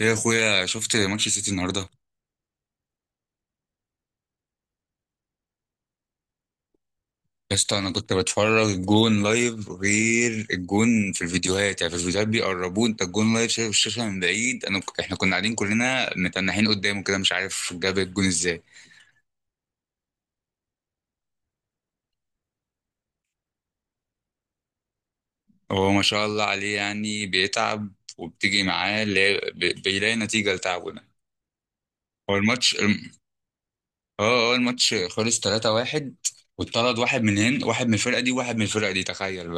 يا اخويا، شفت ماتش السيتي النهارده؟ يا اسطى، انا كنت بتفرج الجون لايف، غير الجون في الفيديوهات. يعني في الفيديوهات بيقربوه، انت الجون لايف شايف الشاشه من بعيد. انا احنا كنا قاعدين كلنا متنحين قدامه كده، مش عارف جاب الجون ازاي. هو ما شاء الله عليه يعني بيتعب، وبتيجي معاه اللي هي بيلاقي نتيجه لتعبه ده. هو الماتش الم- اه اه الماتش خلص 3-1، واتطرد واحد من هنا، واحد من الفرقه دي، واحد من الفرقه دي، تخيل.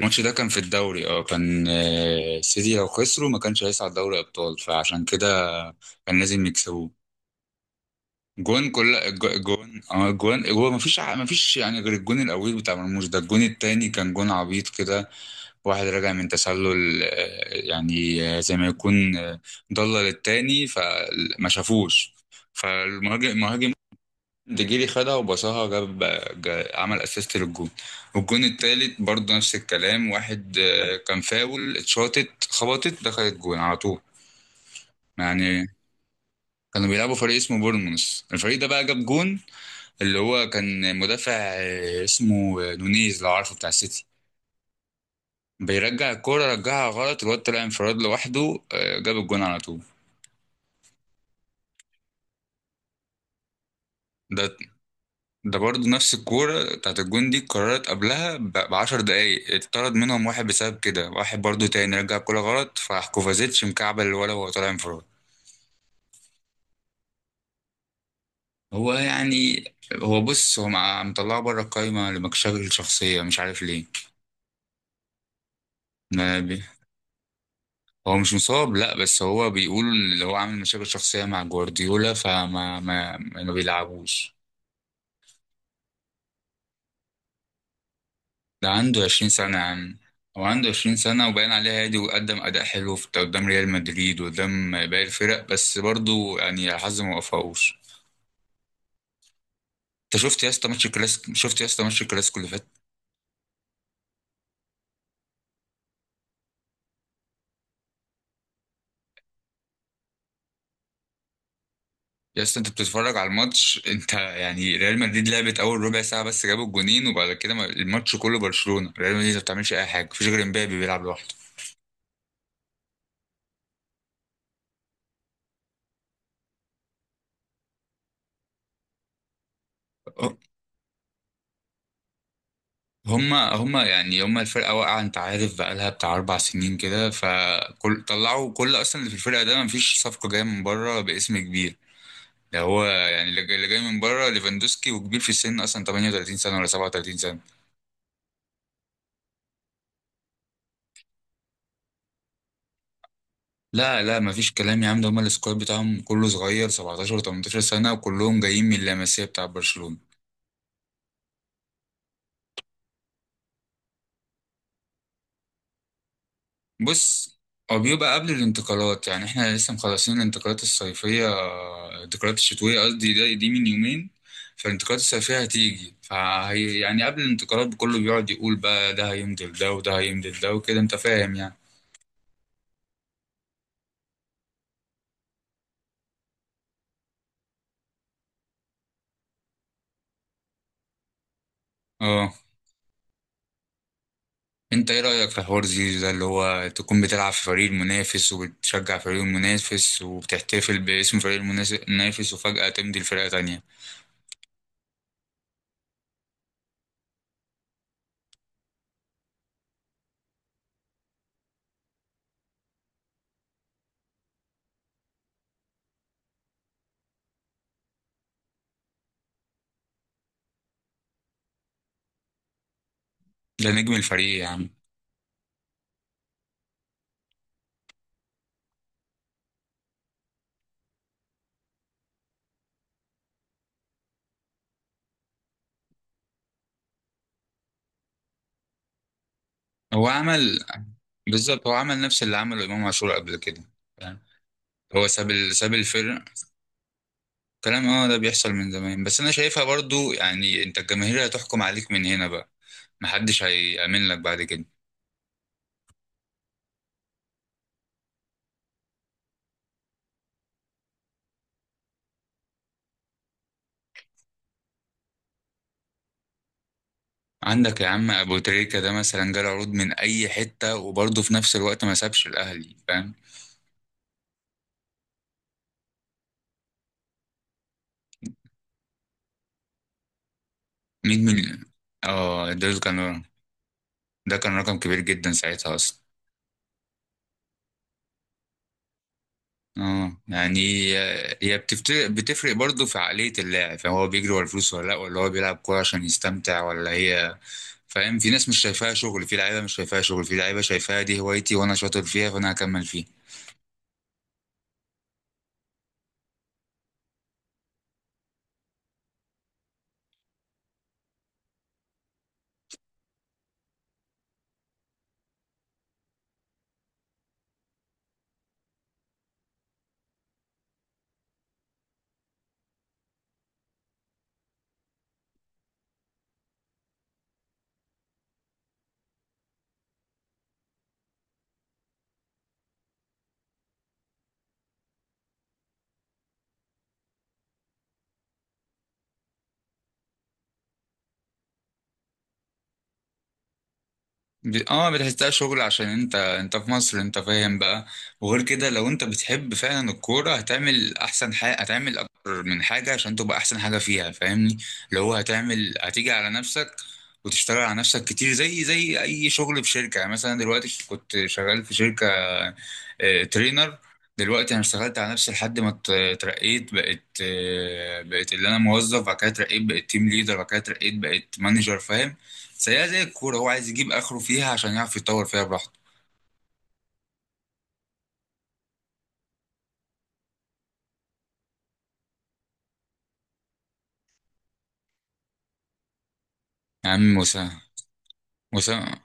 الماتش ده كان في الدوري، اه كان آه، السيتي لو خسروا ما كانش هيصعد دوري ابطال، فعشان كده كان لازم يكسبوه. جون كل جو- جون اه جون، هو ما فيش، يعني غير الجون الاول بتاع مرموش ده، الجون التاني كان جون عبيط كده. واحد راجع من تسلل آه، يعني آه، زي ما يكون آه، ضلل التاني فما شافوش، فالمهاجم ديجيري خدها وبصاها جاب، عمل اسيست للجون. والجون التالت برضه نفس الكلام، واحد آه، كان فاول اتشاطت خبطت دخلت جون على طول. يعني كانوا بيلعبوا فريق اسمه بورنموث، الفريق ده بقى جاب جون، اللي هو كان مدافع آه، اسمه آه، نونيز لو عارفه بتاع السيتي، بيرجع الكورة رجعها غلط، الواد طلع انفراد لوحده آه، جاب الجون على طول. ده ده برضه نفس الكورة بتاعت الجون دي، اتكررت قبلها بعشر دقايق، اتطرد منهم واحد بسبب كده، واحد برضه تاني رجع الكورة غلط، فراح كوفازيتش مكعبل الولا وهو طالع انفراد. هو يعني، هو بص، هو مطلعه بره القايمة لمشاكل شخصية، مش عارف ليه. ما بي... هو مش مصاب لا، بس هو بيقول اللي هو عامل مشاكل شخصية مع جوارديولا، فما ما, ما بيلعبوش. ده عنده 20 سنة يا عم. هو عنده 20 سنة وباين عليه هادي، وقدم أداء حلو في قدام ريال مدريد وقدام باقي الفرق، بس برضه يعني الحظ ما وفقوش. انت شفت يا اسطى ماتش الكلاسيكو؟ اللي فات. يا اسطى انت بتتفرج على الماتش؟ انت يعني ريال مدريد لعبت اول ربع ساعة بس، جابوا الجونين، وبعد كده الماتش كله برشلونة، ريال مدريد ما بتعملش اي حاجة، مفيش غير امبابي بيلعب لوحده. هما يعني، هما الفرقة واقعة، انت عارف بقالها بتاع أربع سنين كده، فكل طلعوا، كل أصلا اللي في الفرقة ده مفيش صفقة جاية من بره باسم كبير. ده هو يعني اللي جاي، من بره ليفاندوسكي، وكبير في السن أصلا، 38 سنة ولا 37 سنة. لا لا مفيش كلام يا عم، ده هما السكواد بتاعهم كله صغير، 17 و 18 سنة، وكلهم جايين من اللاماسيا بتاع برشلونة. بص، هو بيبقى قبل الانتقالات يعني، احنا لسه مخلصين الانتقالات الصيفية، الانتقالات الشتوية قصدي دي من يومين. فالانتقالات الصيفية هتيجي، فهي يعني قبل الانتقالات كله بيقعد يقول بقى ده هيمضي ده وده هيمضي ده وكده، انت فاهم يعني. اه، انت ايه رأيك في حوار زيزو ده، اللي هو تكون بتلعب في فريق المنافس، وبتشجع فريق المنافس، وبتحتفل باسم فريق المنافس، وفجأة تمضي لفرقة تانية. ده نجم الفريق يعني. هو عمل بالظبط، هو عمل نفس اللي عمله امام عاشور قبل كده، فاهم؟ هو ساب الفرق. كلام، اه ده بيحصل من زمان، بس انا شايفها برضو يعني، انت الجماهير هتحكم عليك من هنا بقى، محدش هيأمن لك بعد كده. عندك يا عم ابو تريكة ده مثلا، جاله عروض من اي حتة، وبرضه في نفس الوقت ما سابش الاهلي، فاهم. 100 مليون؟ اه ده كان، ده كان رقم كبير جدا ساعتها اصلا. اه يعني، هي بتفرق برضه في عقلية اللاعب، يعني هو بيجري ورا الفلوس ولا لا، ولا هو بيلعب كورة عشان يستمتع ولا هي. فاهم، في ناس مش شايفاها شغل، في لعيبة مش شايفاها شغل في لعيبة شايفاها دي هوايتي وانا شاطر فيها، فانا هكمل فيها. بتحسها شغل عشان انت، في مصر، انت فاهم بقى. وغير كده لو انت بتحب فعلا الكورة، هتعمل احسن حاجة، هتعمل اكتر من حاجة عشان تبقى احسن حاجة فيها، فاهمني. اللي هو هتعمل، هتيجي على نفسك وتشتغل على نفسك كتير، زي اي شغل في شركة. يعني مثلا دلوقتي كنت شغال في شركة آه، ترينر، دلوقتي انا اشتغلت على نفسي لحد ما اترقيت، بقيت آه، بقيت اللي انا موظف، بعد كده اترقيت بقيت تيم ليدر، بعد كده اترقيت بقيت مانجر، فاهم. زيها زي الكوره، هو عايز يجيب اخره فيها عشان يعرف يتطور فيها براحته. يا عم وسام، وسام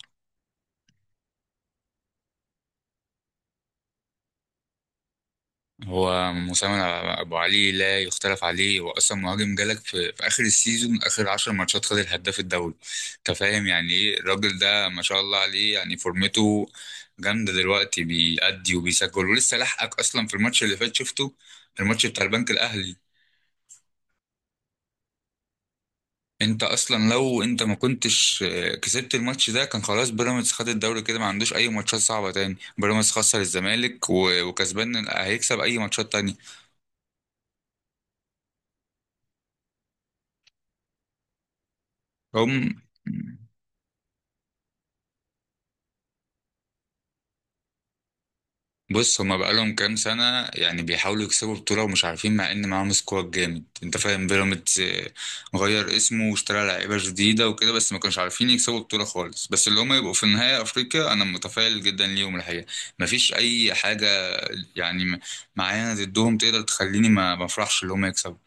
هو مساهم. ابو علي لا يختلف عليه، هو اصلا مهاجم، جالك في اخر السيزون، اخر 10 ماتشات خد الهداف الدوري. انت فاهم يعني ايه الراجل ده، ما شاء الله عليه، يعني فورمته جامده دلوقتي، بيأدي وبيسجل، ولسه لحقك اصلا في الماتش اللي فات شفته، الماتش بتاع البنك الاهلي. انت اصلا لو انت ما كنتش آه، كسبت الماتش ده، كان خلاص بيراميدز خد الدوري كده، ما عندوش اي ماتشات صعبه تاني، بيراميدز خسر الزمالك وكسبان هيكسب اي ماتشات تانية. هم، بص، هما بقالهم كام سنة يعني بيحاولوا يكسبوا بطولة ومش عارفين، مع إن معاهم سكواد جامد، أنت فاهم بيراميدز آه، غير اسمه واشترى لعيبة جديدة وكده، بس ما كانوش عارفين يكسبوا بطولة خالص. بس اللي هما يبقوا في النهاية أفريقيا أنا متفائل جدا ليهم الحقيقة، مفيش أي حاجة يعني معانا ضدهم تقدر تخليني ما أفرحش اللي هما يكسبوا.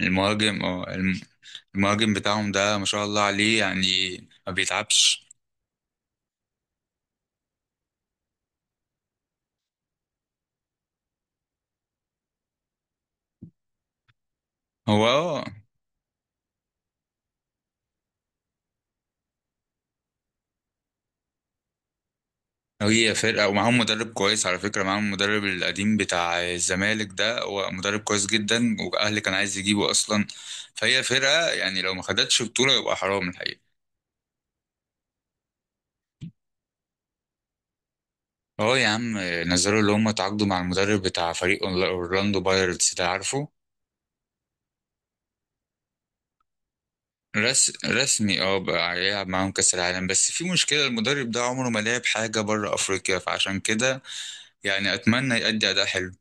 المهاجم اه الم- المهاجم بتاعهم ده ما شاء الله عليه يعني، ما بيتعبش. هو آه، هي فرقة، ومعاهم مدرب كويس على فكرة، معاهم المدرب القديم بتاع الزمالك ده، هو مدرب كويس جدا، وأهلي كان عايز يجيبه أصلا. فهي فرقة يعني لو ما خدتش بطولة يبقى حرام الحقيقة. اه يا عم، نزلوا اللي هم تعاقدوا مع المدرب بتاع فريق أورلاندو بايرتس ده، عارفه. رسمي، اه بقى هيلعب معاهم كأس العالم، بس في مشكلة المدرب ده عمره ما لعب حاجة بره أفريقيا، فعشان كده يعني أتمنى يأدي أداء حلو.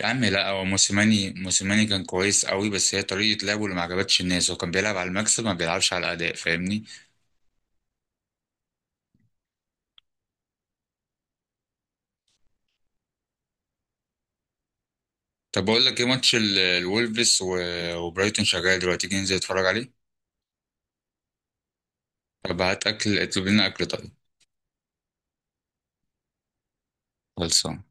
يا عم لا، هو موسيماني، كان كويس قوي، بس هي طريقة لعبه اللي ما عجبتش الناس، هو كان بيلعب على المكسب ما بيلعبش على الأداء، فاهمني. طب بقول لك ايه، ماتش الولفز وبرايتون شغال دلوقتي، تيجي ننزل نتفرج عليه؟ طب هات أكل، اطلب لنا أكل طيب. خلصان.